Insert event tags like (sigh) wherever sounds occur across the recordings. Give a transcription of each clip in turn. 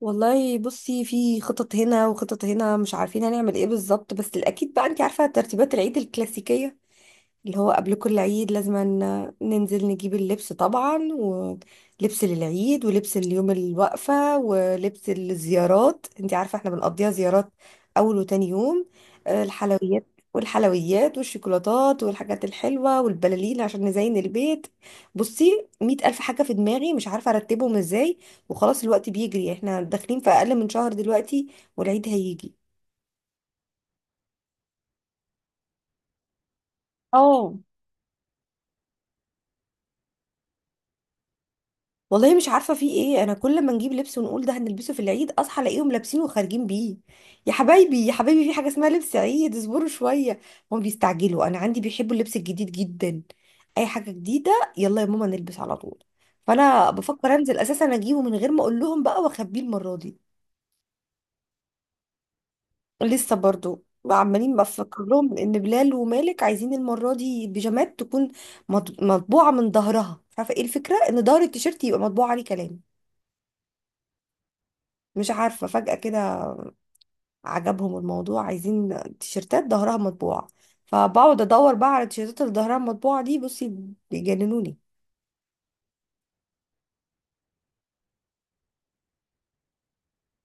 والله بصي، في خطط هنا وخطط هنا. مش عارفين هنعمل ايه بالظبط، بس الاكيد بقى انت عارفه ترتيبات العيد الكلاسيكيه اللي هو قبل كل عيد. لازم ننزل نجيب اللبس طبعا، ولبس للعيد، ولبس اليوم الوقفه، ولبس الزيارات. انت عارفه احنا بنقضيها زيارات اول وتاني يوم. الحلويات والحلويات والشوكولاتات والحاجات الحلوه والبلالين عشان نزين البيت. بصي مئة ألف حاجه في دماغي، مش عارفه ارتبهم ازاي. وخلاص الوقت بيجري، احنا داخلين في اقل من شهر دلوقتي، والعيد هيجي. اه والله مش عارفه في ايه. انا كل ما نجيب لبس ونقول ده هنلبسه في العيد اصحى الاقيهم لابسينه وخارجين بيه. يا حبايبي يا حبايبي، في حاجه اسمها لبس عيد، اصبروا شويه. هم بيستعجلوا، انا عندي بيحبوا اللبس الجديد جدا، اي حاجه جديده، يلا يا ماما نلبس على طول. فانا بفكر انزل اساسا اجيبه من غير ما اقول لهم بقى واخبيه المره دي. لسه برضو عمالين بفكر لهم ان بلال ومالك عايزين المره دي بيجامات تكون مطبوعه من ظهرها. مش عارفه ايه الفكره، ان ظهر التيشيرت يبقى مطبوع عليه كلام. مش عارفه فجاه كده عجبهم الموضوع، عايزين تيشيرتات ظهرها مطبوع. فبقعد ادور بقى على التيشيرتات اللي ظهرها مطبوع دي بصي، بيجننوني.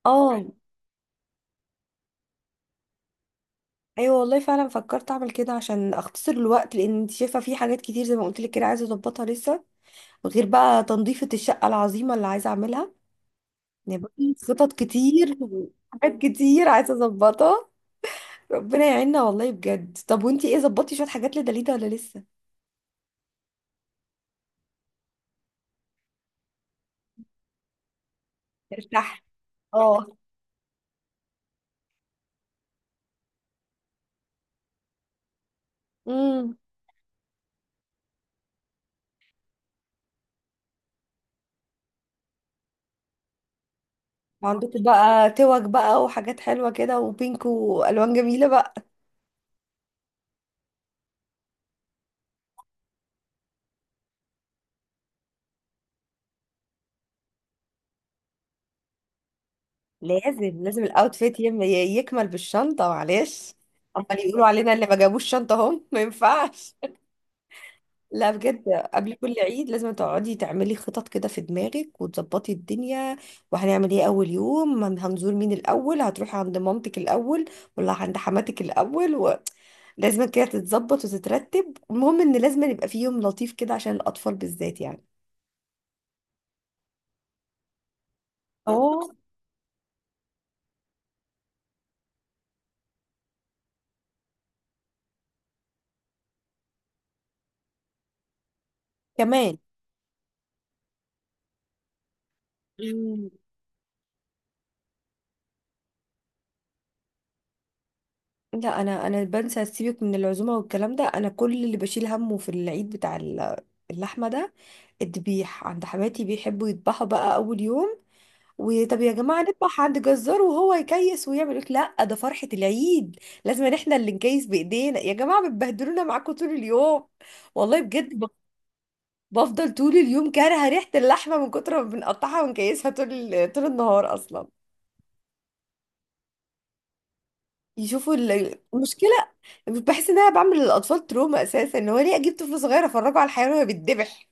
اه ايوه والله فعلا فكرت اعمل كده عشان اختصر الوقت، لان انت شايفه في حاجات كتير زي ما قلت لك كده عايزه اظبطها لسه. غير بقى تنظيفه الشقه العظيمه اللي عايزه اعملها. نبقى في خطط كتير وحاجات كتير عايزة اظبطها. ربنا يعيننا والله بجد. طب وانتي ايه، ظبطتي شوية حاجات لدليدا ولا لسه؟ ارتاح اه. امم، عندكم بقى توك بقى وحاجات حلوة كده وبينك والوان جميلة بقى. لازم لازم الاوتفيت يكمل بالشنطة معلش. امال يقولوا علينا اللي ما جابوش شنطة هم، ما ينفعش. لا بجد، قبل كل عيد لازم تقعدي تعملي خطط كده في دماغك وتظبطي الدنيا. وهنعمل ايه اول يوم، هنزور مين الاول؟ هتروحي عند مامتك الاول ولا عند حماتك الاول و... لازم كده تتظبط وتترتب. المهم ان لازم يبقى في يوم لطيف كده عشان الاطفال بالذات يعني. اه كمان. مم. لا انا، بنسى سيبك من العزومه والكلام ده. انا كل اللي بشيل همه في العيد بتاع اللحمه ده، الذبيح. عند حماتي بيحبوا يذبحوا بقى اول يوم. وطب يا جماعة نذبح عند جزار وهو يكيس ويعمل، يقولك لا ده فرحة العيد، لازم إن احنا اللي نكيس بإيدينا. يا جماعة بتبهدلونا معاكم طول اليوم، والله بجد. بفضل طول اليوم كارهة ريحة اللحمة من كتر ما بنقطعها ونكيسها طول طول النهار أصلا. يشوفوا المشكلة. بحس إن أنا بعمل للأطفال تروما أساسا، إن هو ليه أجيب طفل صغير أفرجه على الحيوان وهو بيتذبح؟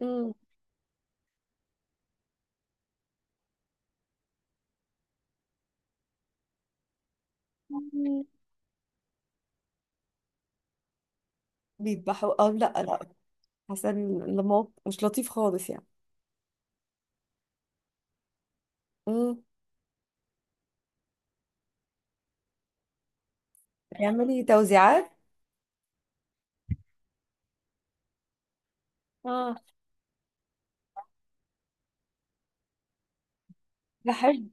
مم. بيذبحوا اه، لا لا. حسن الموقف مش لطيف خالص يعني. مم. بيعملي توزيعات. بحب،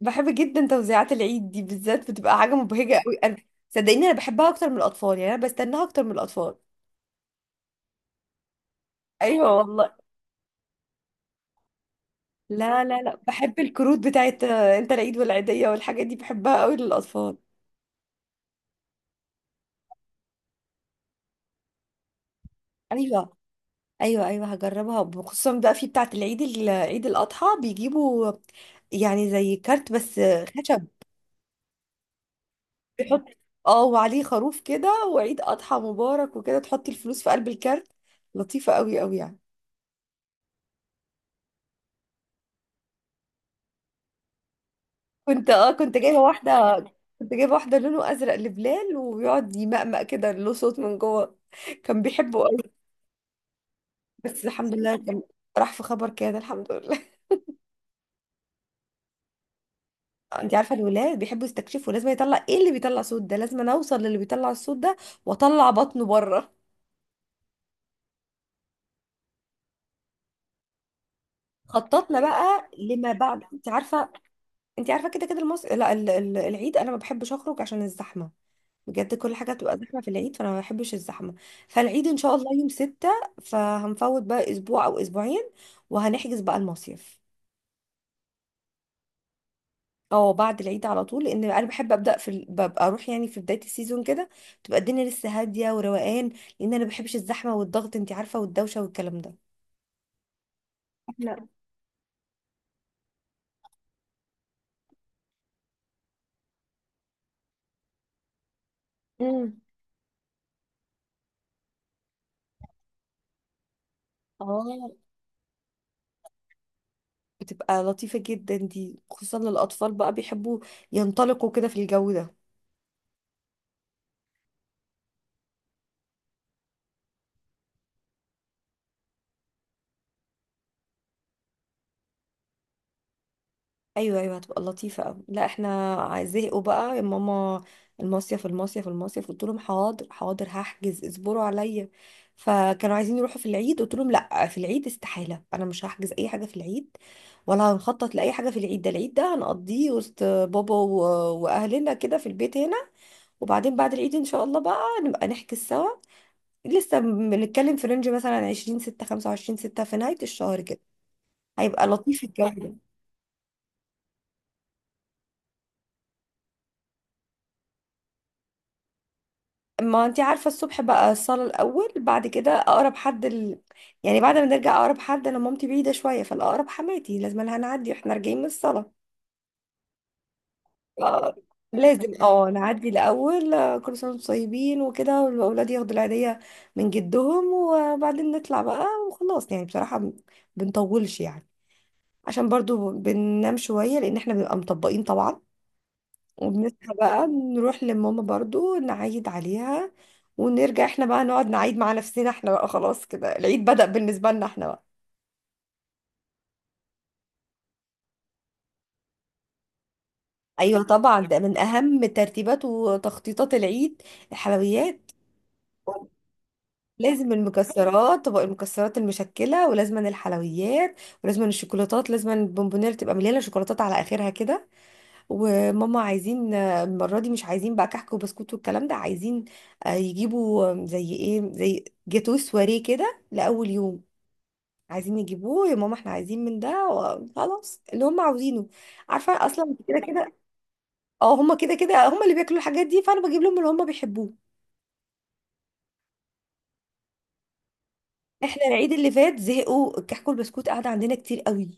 بحب جدا توزيعات العيد دي بالذات، بتبقى حاجة مبهجة قوي. انا صدقيني انا بحبها اكتر من الاطفال، يعني انا بستناها اكتر من الاطفال. ايوه والله. لا لا لا، بحب الكروت بتاعت انت العيد والعيدية، والحاجات دي بحبها قوي للاطفال. ايوه ايوه، ايوه هجربها خصوصا بقى في بتاعت العيد عيد الاضحى. بيجيبوا يعني زي كارت بس خشب. بيحط، اه، وعليه خروف كده وعيد اضحى مبارك وكده، تحطي الفلوس في قلب الكارت. لطيفة قوي قوي يعني. كنت اه كنت جايبه واحده، كنت جايبه واحده لونه ازرق لبلال وبيقعد يمقمق كده، له صوت من جوه. كان بيحبه قوي. بس الحمد لله كان راح في خبر كده، الحمد لله. (laughs) انت عارفه الولاد بيحبوا يستكشفوا، لازم يطلع ايه اللي بيطلع صوت ده، لازم انا اوصل للي بيطلع الصوت ده واطلع بطنه بره. خططنا بقى لما بعد، انت عارفه، انت عارفه كده كده المص... لا ال- ال- العيد انا ما بحبش اخرج عشان الزحمه. بجد كل حاجة تبقى زحمة في العيد، فأنا ما بحبش الزحمة. فالعيد إن شاء الله يوم ستة، فهنفوت بقى أسبوع أو أسبوعين وهنحجز بقى المصيف. اه بعد العيد على طول، لأن أنا بحب أبدأ ببقى أروح يعني في بداية السيزون كده، تبقى الدنيا لسه هادية وروقان. لأن أنا ما بحبش الزحمة والضغط أنت عارفة، والدوشة والكلام ده. احنا. امم اه، بتبقى لطيفة جدا دي، خصوصا للأطفال بقى بيحبوا ينطلقوا كده في الجو ده. ايوه ايوه هتبقى لطيفه قوي. لا احنا زهقوا بقى يا ماما، المصيف المصيف المصيف. قلت لهم حاضر حاضر، هحجز، اصبروا عليا. فكانوا عايزين يروحوا في العيد، قلت لهم لا في العيد استحاله، انا مش هحجز اي حاجه في العيد ولا هنخطط لاي حاجه في العيد. ده العيد ده هنقضيه وسط بابا واهلنا كده في البيت هنا. وبعدين بعد العيد ان شاء الله بقى نبقى نحجز سوا. لسه بنتكلم في رينج مثلا 20 6، 25 6، في نهايه الشهر كده، هيبقى لطيف الجو ده. ما انتي عارفة الصبح بقى الصلاة الأول، بعد كده أقرب حد يعني بعد ما نرجع أقرب حد. أنا مامتي بعيدة شوية فالأقرب حماتي، لازم لها نعدي واحنا راجعين من الصلاة. آه، لازم اه نعدي الأول، كل سنة وانتم طيبين وكده، والأولاد ياخدوا العيدية من جدهم، وبعدين نطلع بقى وخلاص. يعني بصراحة بنطولش يعني، عشان برضو بننام شوية لأن احنا بنبقى مطبقين طبعا. وبنصحى بقى نروح لماما برضو نعيد عليها، ونرجع احنا بقى نقعد نعيد مع نفسنا احنا بقى. خلاص كده العيد بدأ بالنسبة لنا احنا بقى. ايوه طبعا، ده من اهم ترتيبات وتخطيطات العيد، الحلويات. لازم المكسرات، طبق المكسرات المشكلة، ولازم الحلويات، ولازم الشوكولاتات، لازم البونبونير تبقى مليانة شوكولاتات على اخرها كده. وماما عايزين، المرة دي مش عايزين بقى كحك وبسكوت والكلام ده، عايزين يجيبوا، زي ايه، زي جاتوه سواريه كده لأول يوم. عايزين يجيبوه يا ماما، احنا عايزين من ده وخلاص اللي هم عاوزينه. عارفة اصلا كده كده، اه هم كده كده هم اللي بياكلوا الحاجات دي، فانا بجيب لهم اللي هم بيحبوه. احنا العيد اللي فات زهقوا الكحك والبسكوت، قعد عندنا كتير قوي.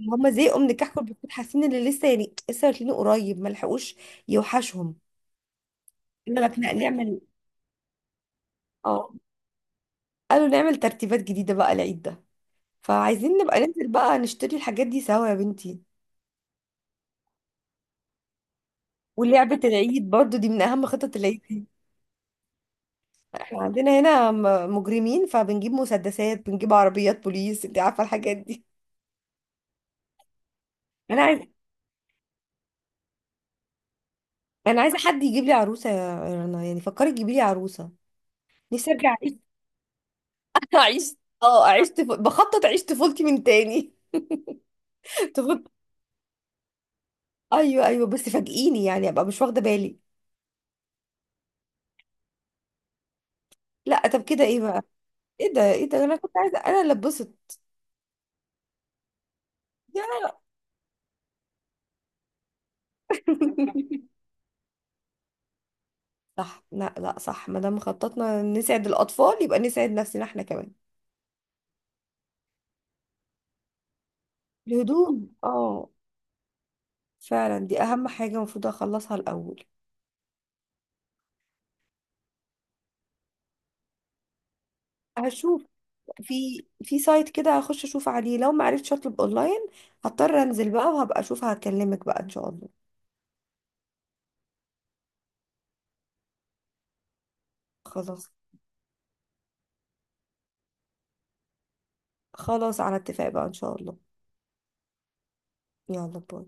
هم زهقوا من الكحك والبسكوت، حاسين ان لسه يعني لسه واكلينه قريب، ما لحقوش يوحشهم. احنا لك نعمل، اه قالوا نعمل ترتيبات جديدة بقى العيد ده. فعايزين نبقى ننزل بقى نشتري الحاجات دي سوا يا بنتي. ولعبة العيد برضو دي من أهم خطط العيد دي. احنا عندنا هنا مجرمين، فبنجيب مسدسات، بنجيب عربيات بوليس، انت عارفة الحاجات دي. أنا عايز أنا عايزة حد يجيب لي عروسة يا رنا، يعني فكري تجيبي لي عروسة. نفسي أرجع أعيش. (laughs) أعيش، اه أعيش بخطط أعيش طفولتي من تاني. (laughs) طفولتي. أيوه أيوه، بس فاجئيني يعني أبقى مش واخدة بالي. لا طب كده إيه بقى؟ إيه ده إيه ده، أنا كنت عايزة أنا اللي اتبسط. صح لا لا، صح، ما دام خططنا نسعد الأطفال يبقى نسعد نفسنا احنا كمان. الهدوم اه، فعلا دي أهم حاجة المفروض أخلصها الأول. هشوف، في في سايت كده هخش أشوف عليه، لو ما عرفتش أطلب أونلاين هضطر أنزل بقى وهبقى أشوفها. هكلمك بقى إن شاء الله. خلاص، خلاص على اتفاق بقى إن شاء الله. يلا باي.